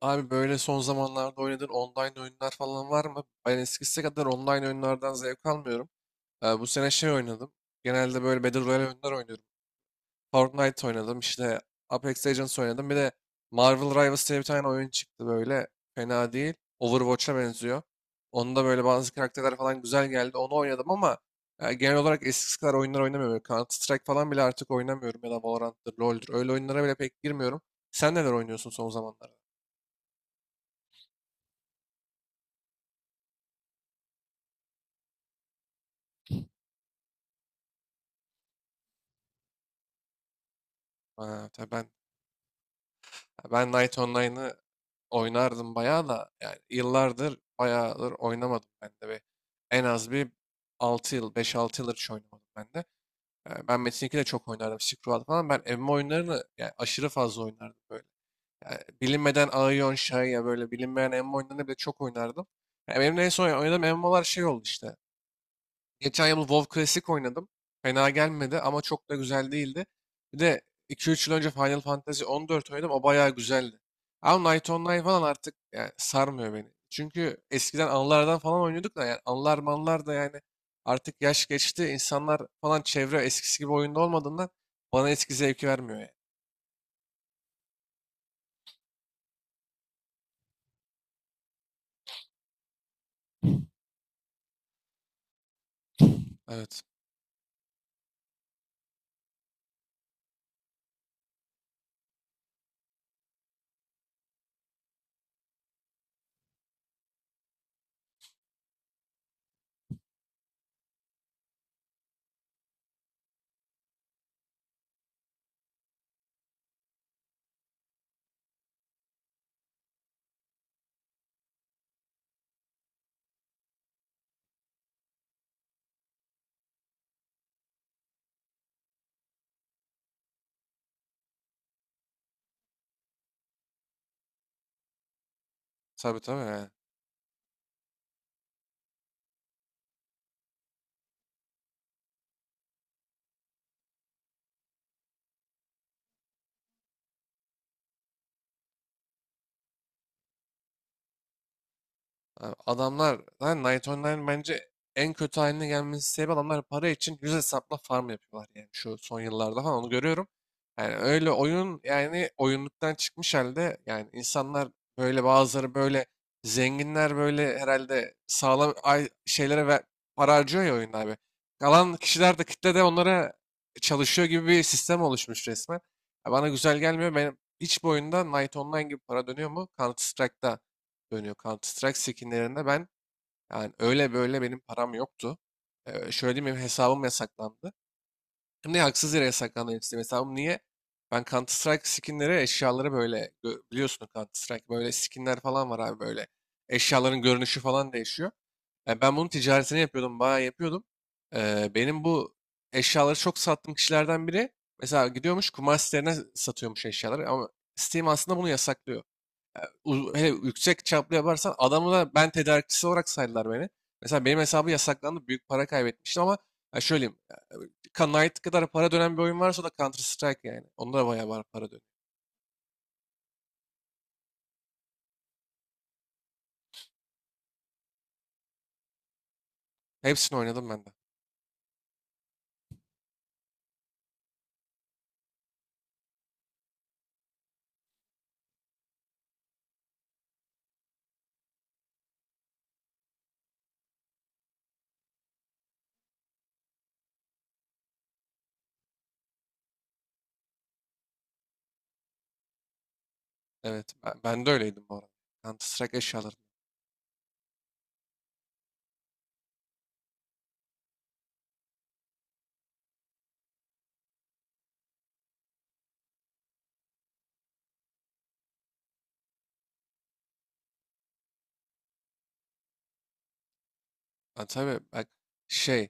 Abi böyle son zamanlarda oynadığın online oyunlar falan var mı? Ben eskisi kadar online oyunlardan zevk almıyorum. Bu sene şey oynadım. Genelde böyle Battle Royale oyunlar oynuyorum. Fortnite oynadım, işte Apex Legends oynadım. Bir de Marvel Rivals diye bir tane oyun çıktı böyle. Fena değil. Overwatch'a benziyor. Onda böyle bazı karakterler falan güzel geldi. Onu oynadım ama genel olarak eskisi kadar oyunlar oynamıyorum. Counter Strike falan bile artık oynamıyorum. Ya da Valorant'tır, LoL'dür. Öyle oyunlara bile pek girmiyorum. Sen neler oynuyorsun son zamanlarda? Ha, tabii ben Knight Online'ı oynardım bayağı da, yani yıllardır bayağıdır oynamadım ben de. En az bir 6 yıl, 5-6 yıldır hiç oynamadım ben de. Yani ben Metin 2 de çok oynardım. Scroll falan. Ben MMO oyunlarını yani aşırı fazla oynardım böyle. Yani bilinmeden Aion, ya böyle bilinmeyen MMO oyunlarını bile çok oynardım. Yani benim de en son oynadığım MMO'lar şey oldu işte. Geçen yıl WoW Classic oynadım. Fena gelmedi ama çok da güzel değildi. Bir de 2-3 yıl önce Final Fantasy 14 oynadım. O bayağı güzeldi. Ama Night Online falan artık yani sarmıyor beni. Çünkü eskiden anılardan falan oynuyorduk da yani anılar manlar da yani artık yaş geçti. İnsanlar falan çevre eskisi gibi oyunda olmadığından bana eski zevki vermiyor yani. Evet. Tabii tabii yani. Abi adamlar lan, Night Online bence en kötü haline gelmesi sebebi adamlar para için yüz hesapla farm yapıyorlar yani şu son yıllarda falan onu görüyorum. Yani öyle oyun yani oyunluktan çıkmış halde yani insanlar böyle, bazıları böyle zenginler böyle herhalde, sağlam şeylere ve para harcıyor ya oyunda abi. Kalan kişiler de kitle de onlara çalışıyor gibi bir sistem oluşmuş resmen. Ya bana güzel gelmiyor. Benim hiç bu oyunda Night Online gibi para dönüyor mu? Counter Strike'da dönüyor, Counter Strike skinlerinde ben yani, öyle böyle benim param yoktu. Şöyle diyeyim, benim hesabım yasaklandı. Hem de haksız yere yasaklandı benim Steam hesabım. Niye? Ben Counter Strike skinleri eşyaları böyle biliyorsun Counter Strike böyle skinler falan var abi böyle. Eşyaların görünüşü falan değişiyor. Yani ben bunun ticaretini yapıyordum, bayağı yapıyordum. Benim bu eşyaları çok sattığım kişilerden biri mesela gidiyormuş kumar sitelerine, satıyormuş eşyaları ama Steam aslında bunu yasaklıyor, hele yüksek çaplı yaparsan adamı da, ben tedarikçisi olarak saydılar beni. Mesela benim hesabı yasaklandı. Büyük para kaybetmiştim ama ya şöyleyeyim, ya, Knight kadar para dönen bir oyun varsa o da Counter Strike yani. Onda da bayağı var, para dönüyor. Hepsini oynadım ben de. Evet. Ben de öyleydim bu arada. Counter Strike eşyaları. Ha, tabii bak, şey,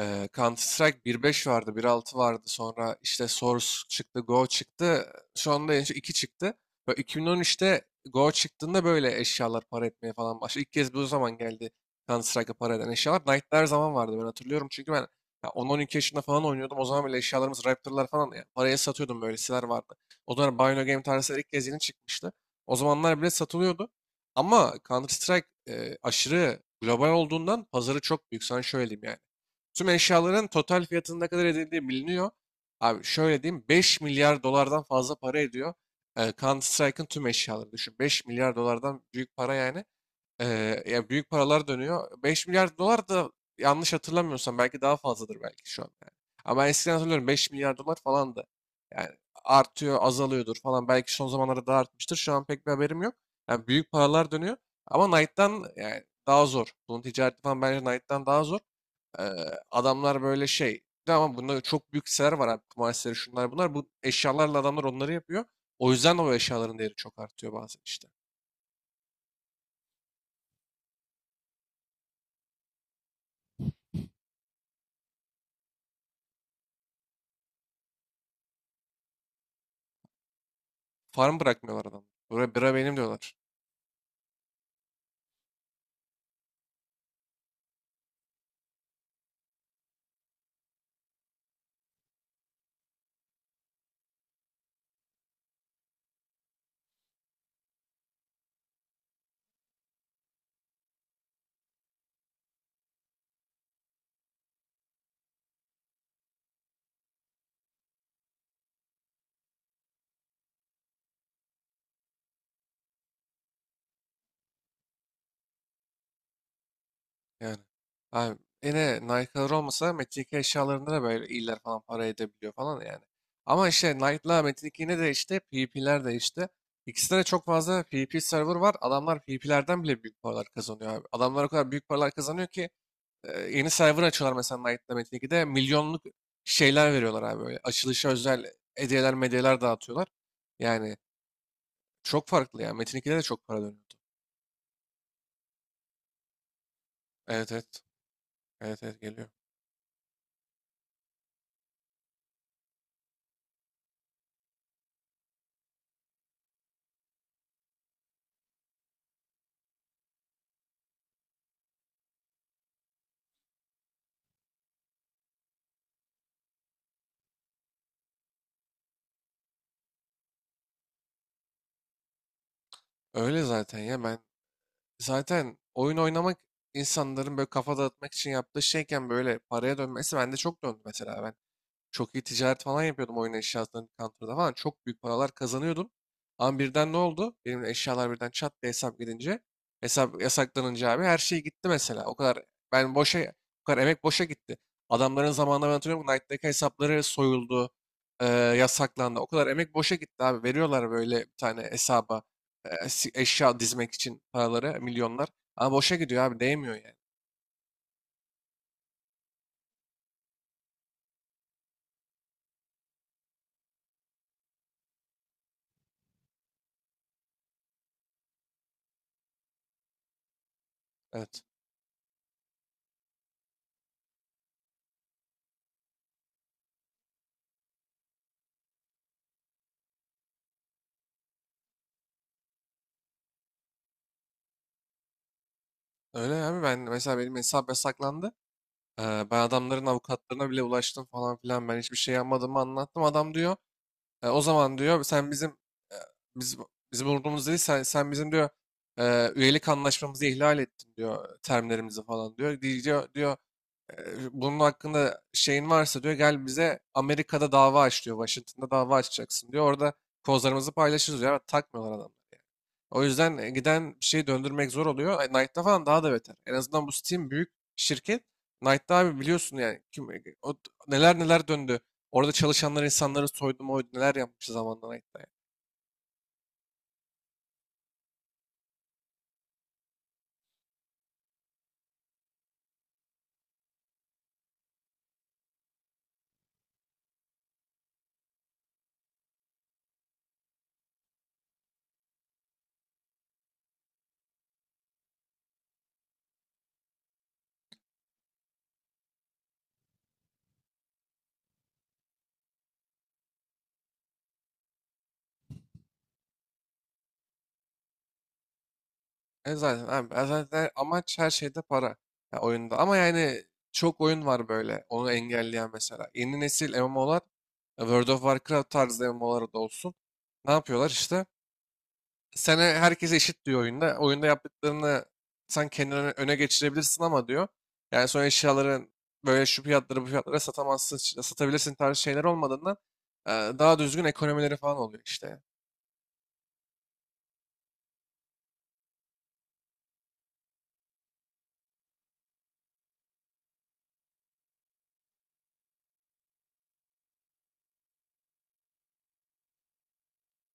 Counter Strike bir beş vardı, bir altı vardı, sonra işte Source çıktı, Go çıktı, şu anda en son 2 çıktı. Ve 2013'te Go çıktığında böyle eşyalar para etmeye falan başladı. İlk kez bu zaman geldi Counter Strike'a para eden eşyalar. Knight'lar her zaman vardı, ben hatırlıyorum çünkü ben ya 10-12 yaşında falan oynuyordum. O zaman bile eşyalarımız Raptor'lar falan ya paraya satıyordum, böyleseler vardı. O zaman Bino Game tarzı ilk kez yeni çıkmıştı. O zamanlar bile satılıyordu. Ama Counter Strike aşırı global olduğundan pazarı çok büyük. Sana şöyle diyeyim yani. Tüm eşyaların total fiyatının ne kadar edildiği biliniyor. Abi şöyle diyeyim, 5 milyar dolardan fazla para ediyor. Counter Strike'ın tüm eşyaları düşün. 5 milyar dolardan büyük para yani. Ya büyük paralar dönüyor. 5 milyar dolar da, yanlış hatırlamıyorsam, belki daha fazladır belki şu an yani. Ama ben eskiden hatırlıyorum 5 milyar dolar falan da. Yani artıyor, azalıyordur falan. Belki son zamanlarda daha artmıştır. Şu an pek bir haberim yok. Yani büyük paralar dönüyor. Ama Knight'tan yani daha zor. Bunun ticareti falan bence Knight'tan daha zor. Ee, Adamlar böyle şey. Bir de, ama bunda çok büyük siteler var abi. Kumar siteleri, şunlar bunlar. Bu eşyalarla adamlar onları yapıyor. O yüzden o eşyaların değeri çok artıyor bazen işte. Farm bırakmıyorlar adamlar. Bira benim diyorlar. Yani. Abi, yine Nike'lar olmasa Metin 2 eşyalarında da böyle iyiler falan para edebiliyor falan yani. Ama işte Nike'la Metin 2 yine de işte P de değişti. İkisinde de çok fazla P server var. Adamlar PvP'lerden bile büyük paralar kazanıyor abi. Adamlar o kadar büyük paralar kazanıyor ki yeni server açıyorlar mesela Nike'la Metin 2'de milyonluk şeyler veriyorlar abi böyle. Açılışa özel hediyeler medyeler dağıtıyorlar. Yani çok farklı ya. Metin 2'de de çok para dönüyordu. Evet evet. Evet evet geliyor. Öyle zaten ya, zaten oyun oynamak insanların böyle kafa dağıtmak için yaptığı şeyken böyle paraya dönmesi, bende çok döndü mesela. Ben çok iyi ticaret falan yapıyordum oyun eşyasının counter'da falan. Çok büyük paralar kazanıyordum. Ama birden ne oldu? Benim eşyalar birden çat diye hesap gidince, hesap yasaklanınca abi her şey gitti mesela. O kadar ben boşa, o kadar emek boşa gitti. Adamların zamanında ben hatırlıyorum Knight'taki hesapları soyuldu, yasaklandı. O kadar emek boşa gitti abi. Veriyorlar böyle bir tane hesaba eşya dizmek için paraları, milyonlar. Ama boşa gidiyor abi, değmiyor yani. Evet. Öyle abi, ben mesela, benim hesap yasaklandı. Ee, Ben adamların avukatlarına bile ulaştım falan filan. Ben hiçbir şey yapmadığımı anlattım. Adam diyor, O zaman, diyor, sen bizim, e, biz bizim umurumuz değil, sen bizim, diyor, üyelik anlaşmamızı ihlal ettin, diyor, termlerimizi falan," diyor. Diyor, "E, Bunun hakkında şeyin varsa, diyor, gel bize Amerika'da dava aç," diyor. "Washington'da dava açacaksın," diyor. "Orada kozlarımızı paylaşırız," diyor. Ama takmıyorlar adam. O yüzden giden bir şeyi döndürmek zor oluyor. Knight'ta falan daha da beter. En azından bu Steam büyük şirket. Knight'ta abi biliyorsun yani, neler neler döndü. Orada çalışanlar insanları soydu moydu, neler yapmış zamanında Knight'ta. Yani. Zaten abi, e zaten amaç her şeyde para, ya oyunda. Ama yani çok oyun var böyle onu engelleyen mesela. Yeni nesil MMO'lar, World of Warcraft tarzı MMO'lar da olsun. Ne yapıyorlar işte? Sana herkese eşit diyor oyunda. Oyunda yaptıklarını sen kendini öne öne geçirebilirsin ama, diyor. Yani sonra eşyaların böyle şu fiyatlara bu fiyatlara satamazsın, işte satabilirsin tarzı şeyler olmadığından daha düzgün ekonomileri falan oluyor işte.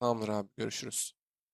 Tamamdır abi, görüşürüz.